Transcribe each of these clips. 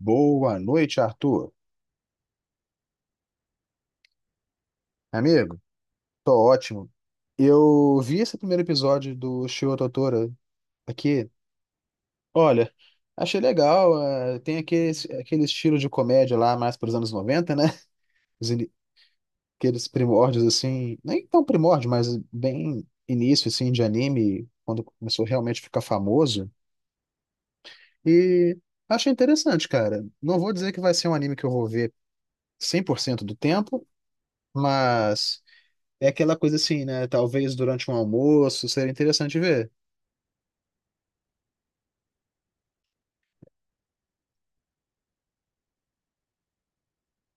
Boa noite, Arthur. Amigo, tô ótimo. Eu vi esse primeiro episódio do Shio Totoro aqui. Olha, achei legal. Tem aquele estilo de comédia lá, mais para os anos 90, né? Os ini- Aqueles primórdios, assim, nem tão primórdio, mas bem início, assim, de anime, quando começou realmente a ficar famoso. E achei interessante, cara. Não vou dizer que vai ser um anime que eu vou ver 100% do tempo, mas. É aquela coisa assim, né? Talvez durante um almoço seria interessante ver.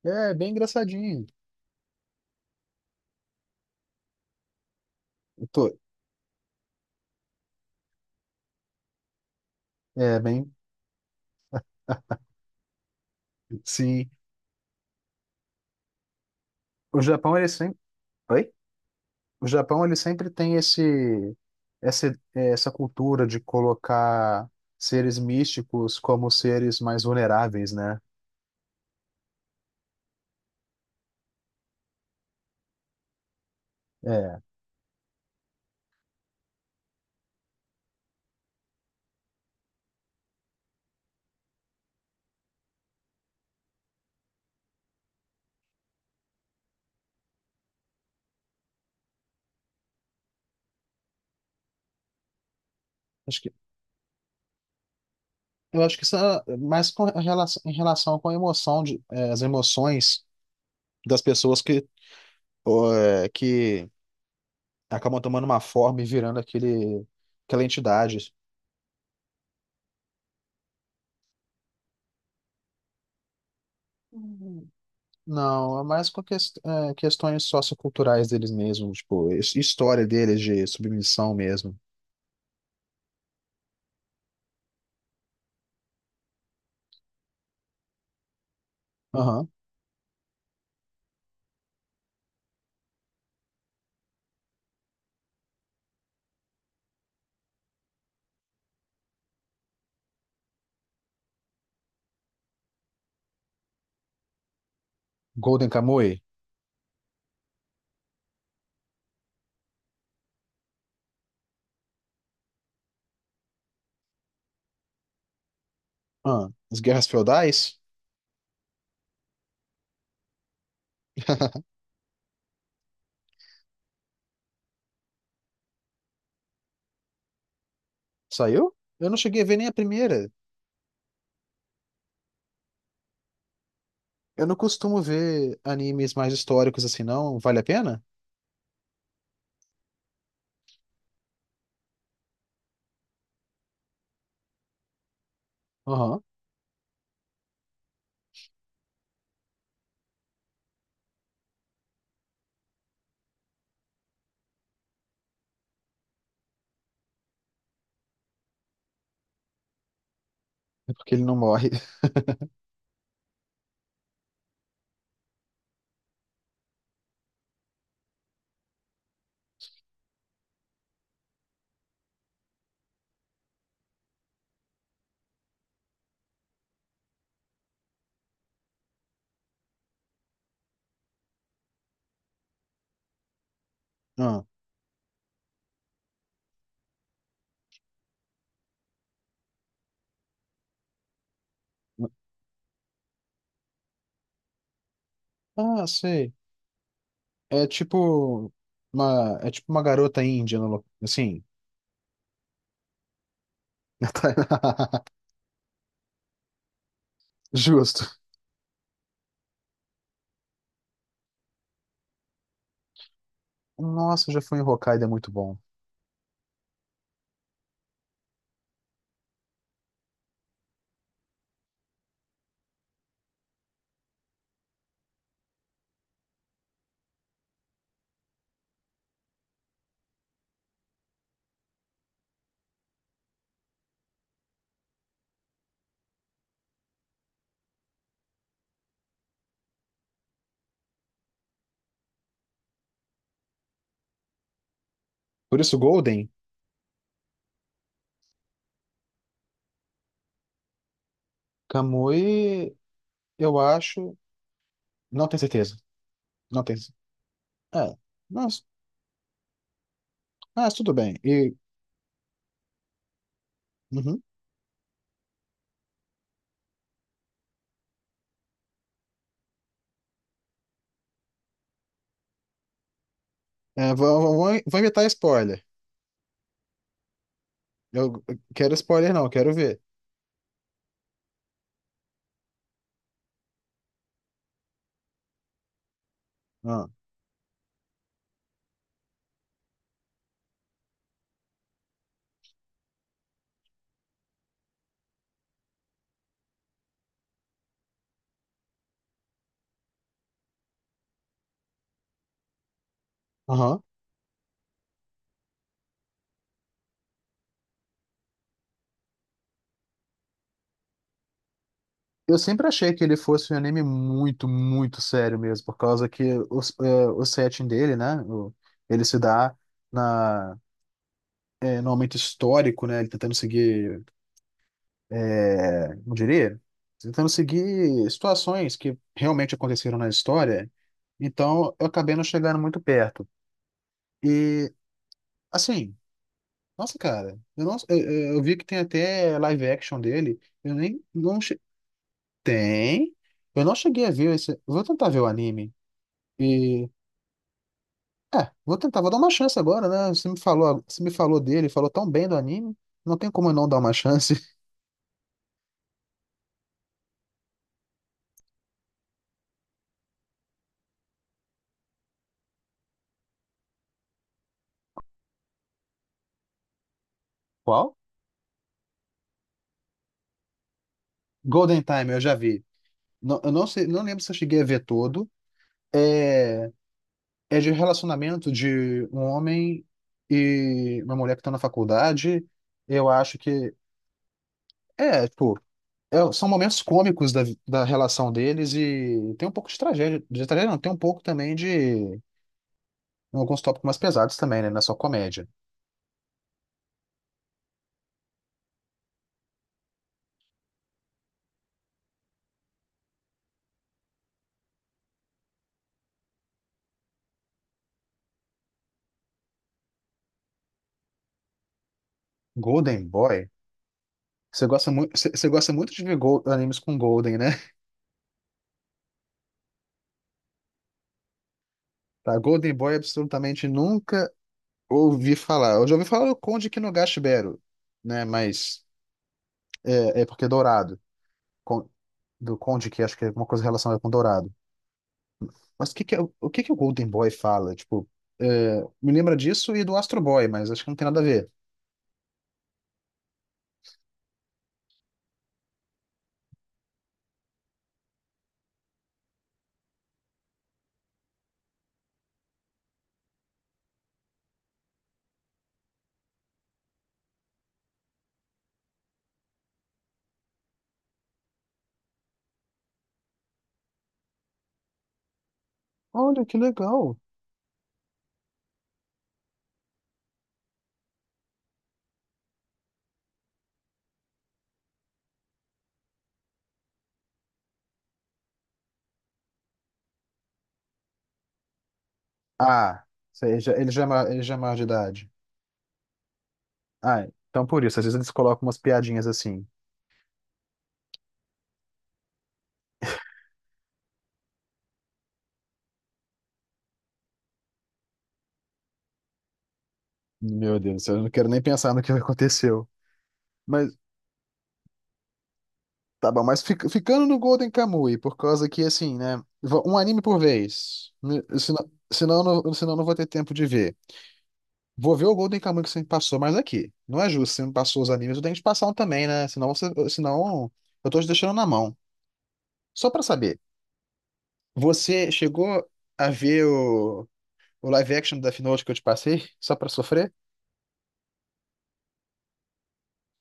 É, bem engraçadinho. Pô, é bem. Sim. O Japão, ele sempre. Oi? O Japão, ele sempre tem esse. Essa, é, essa cultura de colocar seres místicos como seres mais vulneráveis, né? É. Acho que, eu acho que isso é mais com relação, em relação com a emoção de, as emoções das pessoas que, ó, que acabam tomando uma forma e virando aquela entidade. Hum, Não, é mais com questões socioculturais deles mesmos, tipo, história deles de submissão mesmo. Aham. Golden Kamuy? Ah, as guerras feudais? Saiu? Eu não cheguei a ver nem a primeira. Eu não costumo ver animes mais históricos assim, não. Vale a pena? Aham. É porque ele não morre. Ah, ah, sei. É tipo é tipo uma garota índia, no assim. Justo. Nossa, já fui em Hokkaido, é muito bom. Por isso, Golden. Kamui, eu acho. Não tenho certeza. Não tenho. É. Mas, mas tudo bem. E, uhum. É, vou inventar spoiler. Eu quero spoiler, não, eu quero ver. Ah, aham. Eu sempre achei que ele fosse um anime muito, muito sério mesmo, por causa que o setting dele, né? Ele se dá na, no momento histórico, né? Ele tá tentando seguir. É, como diria? Tentando seguir situações que realmente aconteceram na história. Então, eu acabei não chegando muito perto. E, assim, nossa, cara, eu, não, eu vi que tem até live action dele. Eu nem, não, tem? Eu não cheguei a ver esse, vou tentar ver o anime. E, vou tentar, vou dar uma chance agora, né? Você me falou dele, falou tão bem do anime, não tem como eu não dar uma chance. Qual? Golden Time, eu já vi. Não, eu não sei, não lembro se eu cheguei a ver todo. É, É de relacionamento de um homem e uma mulher que estão na faculdade. Eu acho que. É, tipo. São momentos cômicos da relação deles e tem um pouco de tragédia. De tragédia, não, tem um pouco também de. Alguns tópicos mais pesados também, né? Não é só comédia. Golden Boy. Você gosta muito de ver animes com Golden, né? Tá, Golden Boy absolutamente nunca ouvi falar. Eu já ouvi falar do Conde Kinogashibero, né? Mas é porque é dourado. Do Conde, que acho que é alguma coisa relacionada com Dourado. Mas o que que o Golden Boy fala? Tipo, me lembra disso e do Astro Boy, mas acho que não tem nada a ver. Olha, que legal. Ah, ele já é maior de idade. Ah, então por isso, às vezes eles colocam umas piadinhas assim. Meu Deus, eu não quero nem pensar no que aconteceu. Mas tá bom, mas ficando no Golden Kamuy, por causa que assim, né? Um anime por vez. Né, Senão, senão eu não vou ter tempo de ver. Vou ver o Golden Kamuy que você me passou, mas aqui. Não é justo, você me passou os animes, eu tenho que te passar um também, né? Senão eu tô te deixando na mão. Só pra saber, você chegou a ver o live action da Death Note que eu te passei, só pra sofrer?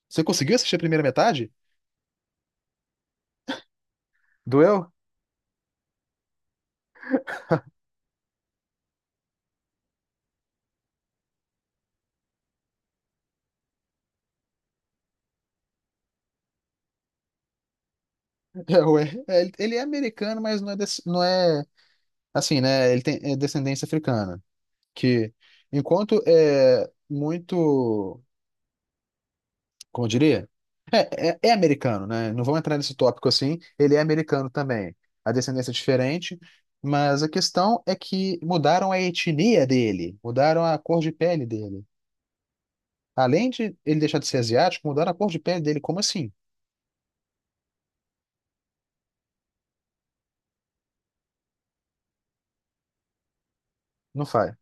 Você conseguiu assistir a primeira metade? Doeu? É, ué. É, ele é americano, mas não é assim, né? Ele tem é descendência africana. Que enquanto é muito, como eu diria? É americano, né? Não vamos entrar nesse tópico assim. Ele é americano também. A descendência é diferente, mas a questão é que mudaram a etnia dele, mudaram a cor de pele dele. Além de ele deixar de ser asiático, mudaram a cor de pele dele. Como assim? Não faz.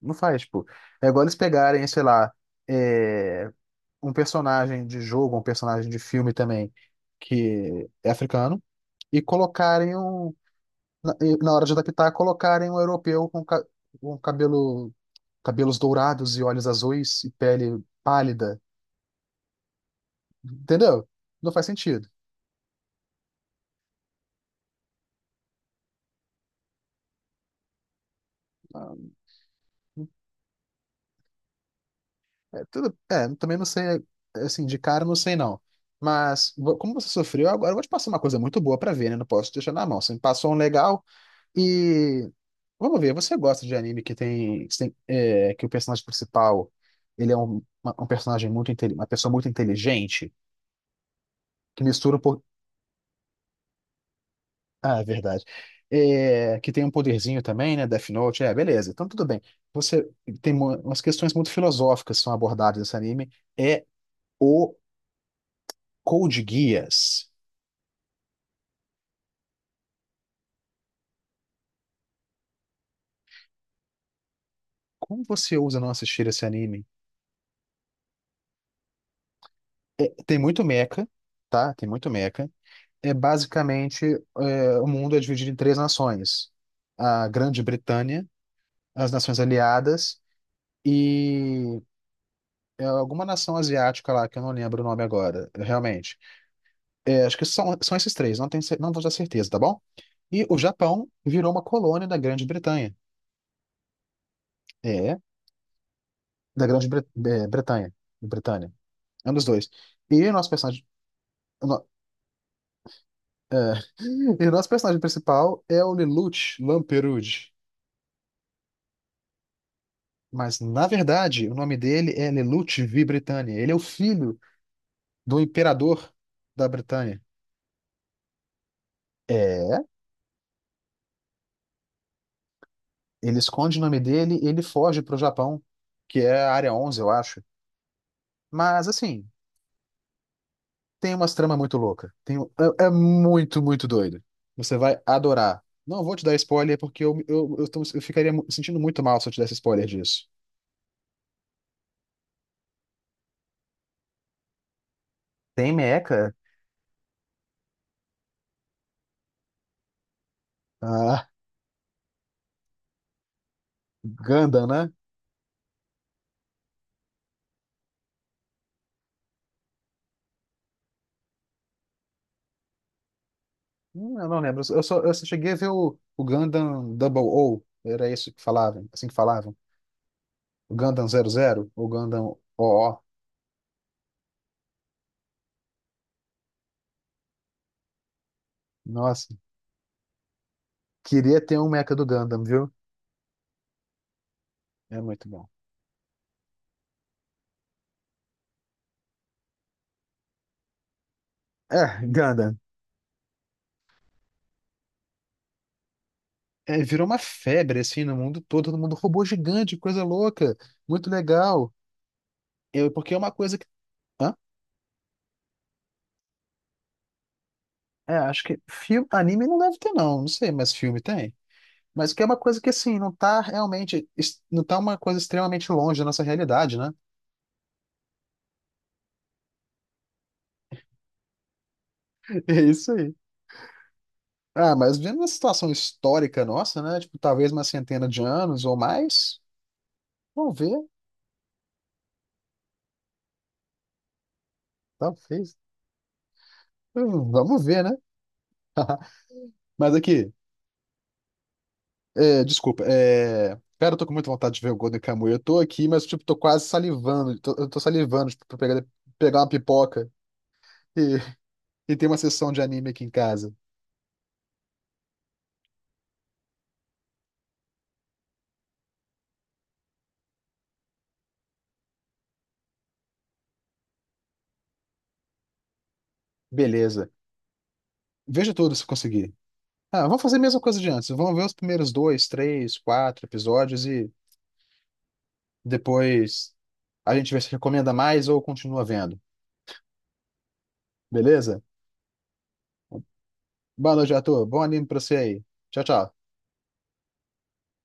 Não faz, tipo. É igual eles pegarem, sei lá, é, um personagem de jogo, um personagem de filme também, que é africano, e colocarem um. Na, e na hora de adaptar, colocarem um europeu com, um cabelos dourados e olhos azuis e pele pálida. Entendeu? Não faz sentido. É, tudo, também não sei, assim, de cara não sei não. Mas como você sofreu, agora eu vou te passar uma coisa muito boa pra ver, né? Não posso te deixar na mão. Você me passou um legal e vamos ver, você gosta de anime que tem, que o personagem principal, ele é um personagem uma pessoa muito inteligente, que mistura um pouco. Ah, é verdade. É, que tem um poderzinho também, né? Death Note, é, beleza. Então, tudo bem. Você tem umas questões muito filosóficas que são abordadas nesse anime. É o Code Geass. Como você ousa não assistir esse anime? É, tem muito mecha, tá? Tem muito mecha. É basicamente, o mundo é dividido em três nações: a Grande Bretanha, as Nações Aliadas e alguma nação asiática lá que eu não lembro o nome agora, realmente. É, acho que são esses três, não tenho, não vou dar certeza, tá bom? E o Japão virou uma colônia da Grande Bretanha. É, da Grande Bretanha. Britânia. É um dos dois. E o nosso personagem, o no- e o nosso personagem principal é o Lelouch Lamperouge. Mas, na verdade, o nome dele é Lelouch V. Britannia. Ele é o filho do imperador da Bretanha. É, ele esconde o nome dele e ele foge para o Japão, que é a Área 11, eu acho. Mas, assim, tem umas tramas muito loucas. É muito, muito doido. Você vai adorar. Não vou te dar spoiler porque eu ficaria sentindo muito mal se eu te desse spoiler disso. Tem meca? Ah, Gundam, né? Eu não lembro. Eu só cheguei a ver o Gundam Double O. Era isso que falavam, assim que falavam. O Gundam 00, o Gundam O. Nossa, queria ter um meca do Gundam, viu? É muito bom. É, Gundam. É, virou uma febre, assim, no mundo todo, todo mundo, robô gigante, coisa louca, muito legal. Eu, porque é uma coisa que. Hã? É, acho que filme, anime não deve ter, não, não sei, mas filme tem. Mas que é uma coisa que, assim, não tá realmente. Não tá uma coisa extremamente longe da nossa realidade, né? É isso aí. Ah, mas vendo uma situação histórica nossa, né? Tipo, talvez uma centena de anos ou mais. Vamos ver, talvez. Vamos ver, né? Mas aqui. É, desculpa, Cara, eu tô com muita vontade de ver o Golden Kamuy. Eu tô aqui, mas, tipo, tô quase salivando. Eu tô salivando, tipo, pra pegar uma pipoca e, e ter uma sessão de anime aqui em casa. Beleza. Veja tudo se conseguir. Ah, vamos fazer a mesma coisa de antes. Vamos ver os primeiros dois, três, quatro episódios e depois a gente vê se recomenda mais ou continua vendo. Beleza? Boa noite, Arthur. Bom anime pra você aí. Tchau, tchau.